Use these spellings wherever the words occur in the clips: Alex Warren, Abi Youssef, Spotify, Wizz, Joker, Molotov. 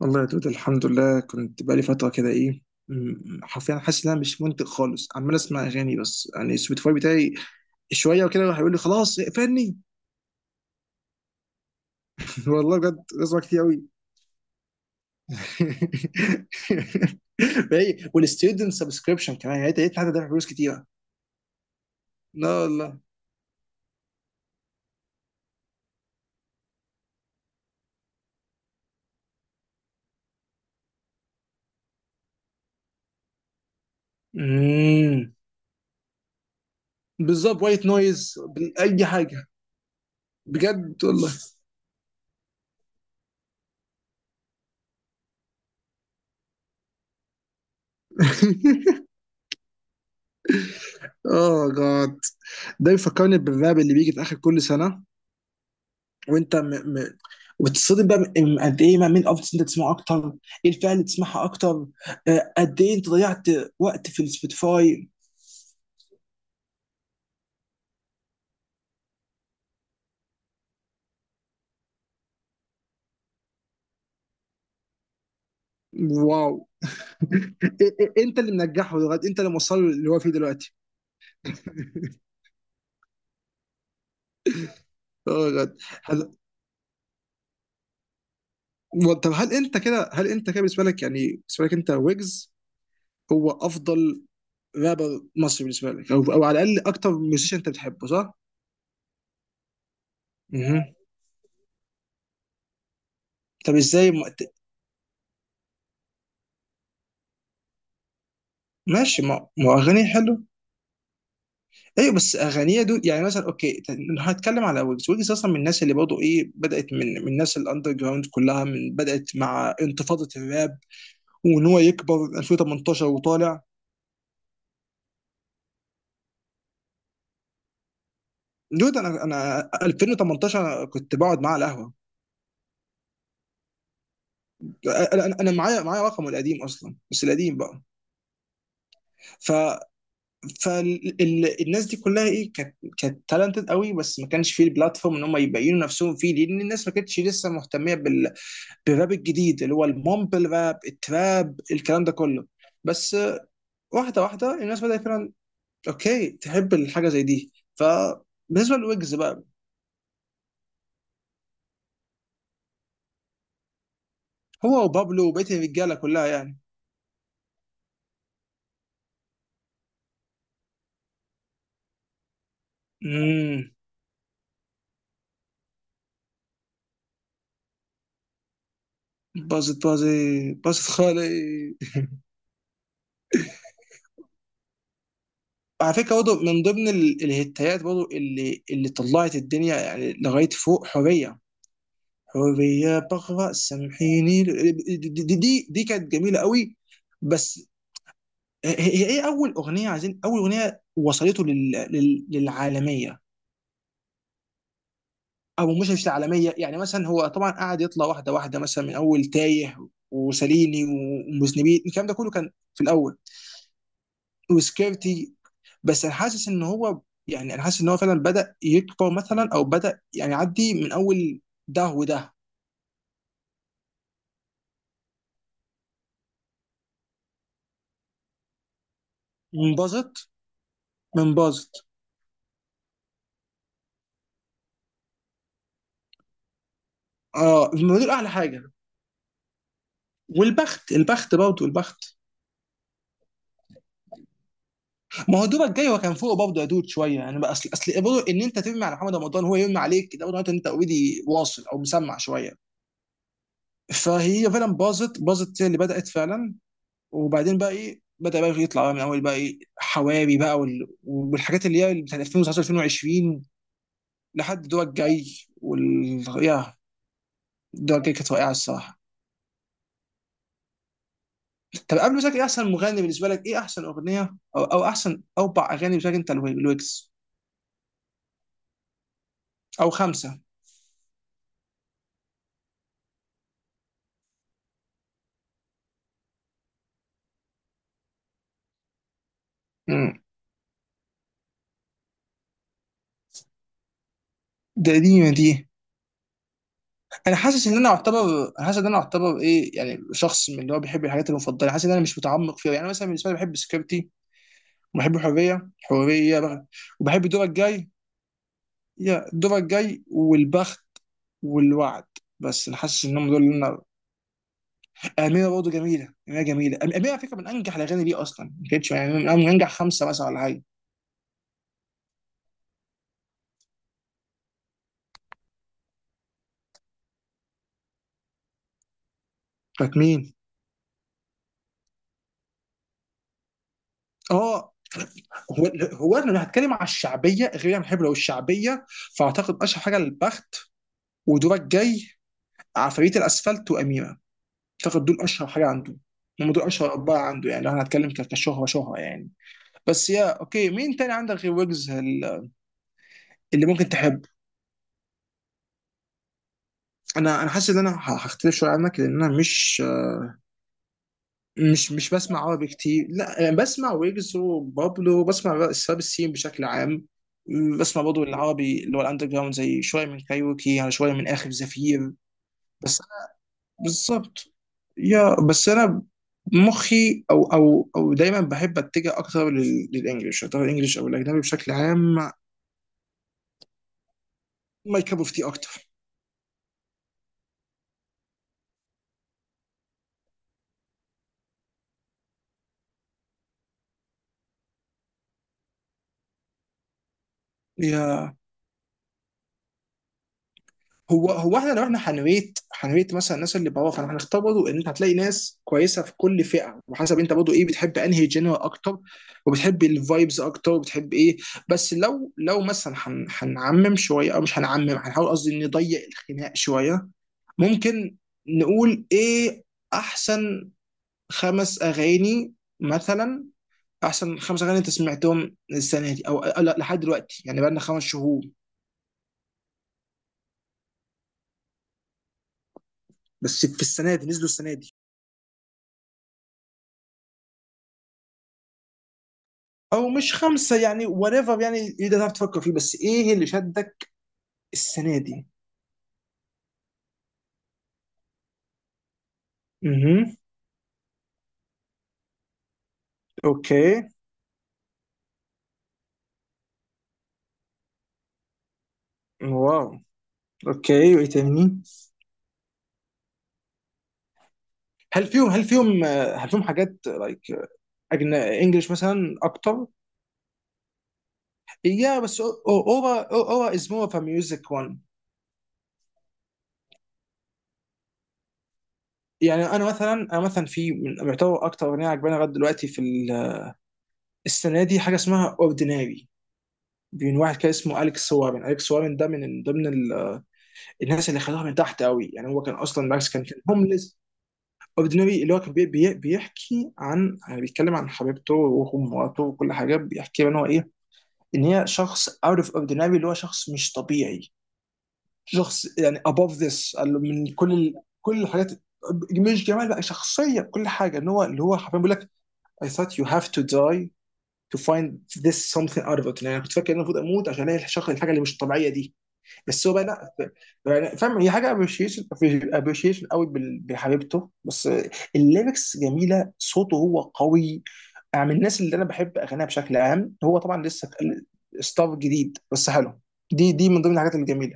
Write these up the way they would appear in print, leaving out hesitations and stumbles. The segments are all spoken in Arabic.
والله يا دود، الحمد لله، كنت بقالي فترة كده إيه حرفيا حاسس إن أنا مش منتج خالص، عمال أسمع أغاني بس، يعني السبوتيفاي بتاعي شوية وكده راح يقول لي خلاص اقفلني. والله بجد بسمع كتير أوي. هي والستودنت سبسكريبشن كمان، يعني لقيت حد دافع فلوس كتيرة. لا والله. امم، بالظبط، وايت نويز. أي حاجة. بجد والله. اه جاد. ده بيفكرني بالراب اللي بيجي في آخر كل سنة. وانت م... وتتصدم بقى قد ايه بقى مين افضل انت تسمعه اكتر، ايه الفئه اللي تسمعها اكتر؟ قد ايه انت ضيعت وقت في السبوتيفاي؟ واو. إيه- انت اللي منجحه دلوقتي، انت اللي موصله اللي هو فيه دلوقتي. اه بجد. هل... طب هل انت كده بالنسبه لك، يعني بالنسبه لك انت ويجز هو افضل رابر مصري بالنسبه لك، او على الاقل اكتر ميوزيشن انت بتحبه صح؟ مهم. طب ازاي ما... ت- ماشي، ما هو اغانيه حلو. ايوه بس اغانيه دول، يعني مثلا اوكي لو هتكلم على ويجز، ويجز اصلا من الناس اللي برضه ايه بدات من الناس الاندر جراوند كلها، من بدات مع انتفاضه الراب وان هو يكبر 2018 وطالع. دود، انا 2018 كنت بقعد معاه على القهوه. انا أنا- أنا معايا معايا رقمه القديم اصلا، بس القديم بقى. ف فالناس دي كلها ايه، كانت تالنتد قوي بس ما كانش فيه البلاتفورم ان هم يبينوا نفسهم فيه، لان الناس ما كانتش لسه مهتميه بالراب الجديد اللي هو المومبل راب التراب، الكلام ده كله. بس واحده واحده الناس بدات فعلا، اوكي تحب الحاجه زي دي فبالنسبه لويجز بقى، هو وبابلو وبقيه الرجاله كلها يعني. امم. باظت باظت. باظت خالي. على فكره برضه من ضمن الهتايات برضه اللي طلعت الدنيا يعني لغايه فوق حريه، حريه بغرة سامحيني، دي كانت جميله قوي. بس هي ايه اول اغنيه، عايزين اول اغنيه وصلته للعالميه. او مش العالميه، يعني مثلا هو طبعا قعد يطلع واحده واحده مثلا من اول تايه وساليني ومذنبين، الكلام ده كله كان في الاول، وسكيرتي. بس انا حاسس ان هو، فعلا بدا يكبر مثلا او بدا يعني يعدي من اول ده وده. من باظت، من باظت. اه، من دول اعلى حاجه. والبخت، البخت برضه البخت. ما هو دوبك جاي هو كان فوق برضه يا دود، شويه يعني بقى اصل برضه ان انت ترمي على محمد رمضان هو يرمي عليك، ده برضه معناته ان انت اوريدي واصل او مسمع شويه. فهي فعلا باظت، باظت هي اللي بدات فعلا. وبعدين بقى ايه بدا بقى يطلع بقى من اول بقى ايه حواري بقى والحاجات اللي هي بتاعت 2019 2020 لحد دوبك جاي. وال يا دوبك جاي كانت واقعه الصراحه. طب قبل ما اسالك ايه احسن مغني بالنسبه لك، ايه احسن اغنيه، او احسن اربع اغاني بالنسبه لك انت الويكس او خمسه. امم، ده، دي دي. انا حاسس ان انا اعتبر ايه، يعني شخص من اللي هو بيحب الحاجات المفضله، حاسس ان انا مش متعمق فيها، يعني مثلا بالنسبه لي بحب سكيورتي وبحب حريه. حريه بقى، وبحب الدور الجاي. الدور الجاي والبخت والوعد، بس انا حاسس انهم دول اللي انا. اميره برضه جميله، اميره جميله، اميره على فكره من انجح الاغاني، دي اصلا ما كانتش يعني من انجح خمسه مثلا ولا حاجه. كانت مين؟ اه. هو هو انا لو هتكلم على الشعبيه غير، انا بحب لو الشعبيه فاعتقد اشهر حاجه البخت ودورك جاي عفاريت الاسفلت واميره. اعتقد دول اشهر حاجه عنده، هم دول اشهر اربعه عنده يعني لو هنتكلم كشهره شهره يعني. بس، يا اوكي، مين تاني عندك غير ويجز اللي ممكن تحب؟ انا حاسس ان انا هختلف شويه عنك لان انا مش بسمع عربي كتير، لا يعني بسمع ويجز وبابلو، بسمع سباب السين بشكل عام. بسمع برضه العربي اللي هو الاندر جراوند زي شويه من كايروكي، يعني شويه من اخر زفير. بس بالظبط. يا بس انا مخي او دايما بحب اتجه اكتر للانجليش، اعتبر الانجليش او الاجنبي بشكل عام ماي كاب اوف تي اكتر. يا، هو هو احنا لو احنا هنريت مثلا الناس اللي بره، فاحنا هنختار برضه ان انت هتلاقي ناس كويسه في كل فئه وحسب انت برضه ايه بتحب انهي جنرال اكتر، وبتحب الفايبز اكتر، وبتحب ايه. بس لو مثلا هنعمم شويه او مش هنعمم، هنحاول قصدي نضيق الخناق شويه. ممكن نقول ايه احسن خمس اغاني مثلا، احسن خمس اغاني انت سمعتهم السنه دي، او لا لحد دلوقتي، يعني بقالنا 5 شهور بس في السنه دي نزلوا السنه دي، او مش خمسه، يعني whatever يعني ايه ده، تعرف تفكر فيه، بس ايه اللي شدك السنه دي؟ اها، اوكي. واو. اوكي، وايه تاني؟ هل فيهم حاجات لايك اجنبي انجلش مثلا اكتر؟ يا بس اورا، اورا از مور اوف ميوزك وان. يعني انا مثلا في، من يعتبر اكتر اغنيه عجباني لغايه دلوقتي في السنه دي، حاجه اسمها اورديناري من واحد كده اسمه اليكس وارن. ده من ضمن الناس اللي خدوها من تحت قوي يعني، هو كان اصلا ماكس، كان هومليس. اورديناري، اللي هو كان بي بي بيحكي عن، يعني بيتكلم عن حبيبته ومراته وكل حاجه، بيحكي ان هو ايه، ان هي شخص اوت اوف اورديناري، اللي هو شخص مش طبيعي، شخص يعني above this، قال له من كل كل الحاجات، مش جمال بقى، شخصيه، كل حاجه، ان هو اللي هو حرفيا بيقول لك I thought you have to die to find this something out of it، يعني أنا كنت فاكر ان انا المفروض اموت عشان الاقي الشخص، الحاجه اللي مش طبيعيه دي. بس هو بقى لا. يعني فاهم، هي حاجه ابريشيشن، ابريشيشن قوي بحبيبته بس، الليركس جميله، صوته هو قوي، يعني من الناس اللي انا بحب اغانيها بشكل عام، هو طبعا لسه ستاف جديد بس حلو. دي من ضمن الحاجات الجميله.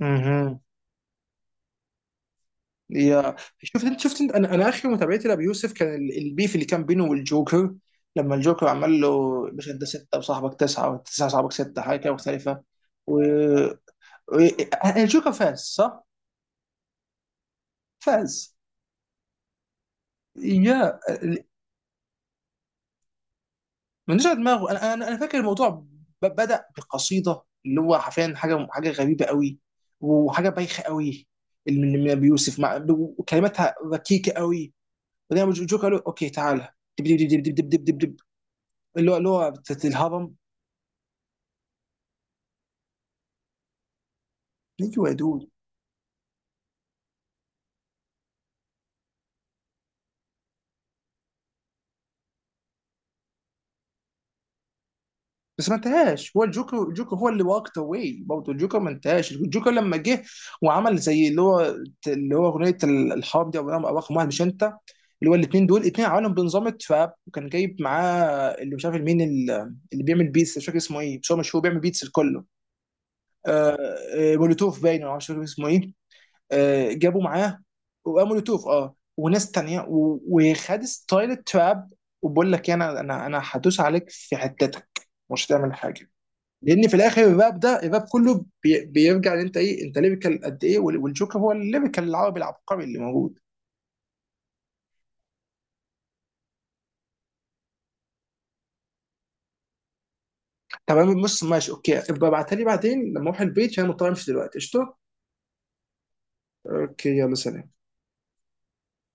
امم. يا. شفت انت شفت انت انا، اخر متابعتي لابي يوسف كان البيف اللي كان بينه والجوكر، لما الجوكر عمل له، مش انت سته وصاحبك تسعه، وتسعه صاحبك سته، حاجه كده مختلفه. و... و... الجوكر فاز صح؟ فاز. يا، من نزع دماغه، انا فاكر الموضوع بدأ بقصيده، اللي هو حرفيا حاجه غريبه قوي وحاجه بايخه قوي، اللي من ابي يوسف، مع، وكلماتها ركيكه قوي، وبعدين الجوكر قال له اوكي تعالى، دب دب دب دب دب دب دب دب. اللي هو بتاعت الهرم. ايوه يا دود. بس ما انتهاش هو، الجوكر هو اللي واكت اواي برضه، الجوكر ما انتهاش، الجوكر لما جه وعمل زي اللي هو اغنيه الحرب دي، او رقم واحد مش انت، اللي هو الاثنين دول، الاثنين عملهم بنظام التراب، وكان جايب معاه اللي مش عارف مين، اللي اللي بيعمل بيتس، مش فاكر اسمه ايه، بس هو مشهور بيعمل بيتس الكله. آه آه، مولوتوف باين، أو مش فاكر اسمه ايه. جابوا معاه ومولوتوف اه وناس تانية، وخد ستايل التراب، وبقول لك انا هدوس عليك في حتتك، مش هتعمل حاجه. لان في الاخر الراب ده، الراب كله بيرجع ان انت ايه، انت ليبيكال قد ايه، والجوكر هو الليبيكال العربي العبقري اللي موجود. تمام، بص ماشي اوكي ابقى ابعتها لي بعدين لما اروح البيت عشان مضطر امشي دلوقتي، قشطه. اوكي يلا سلام.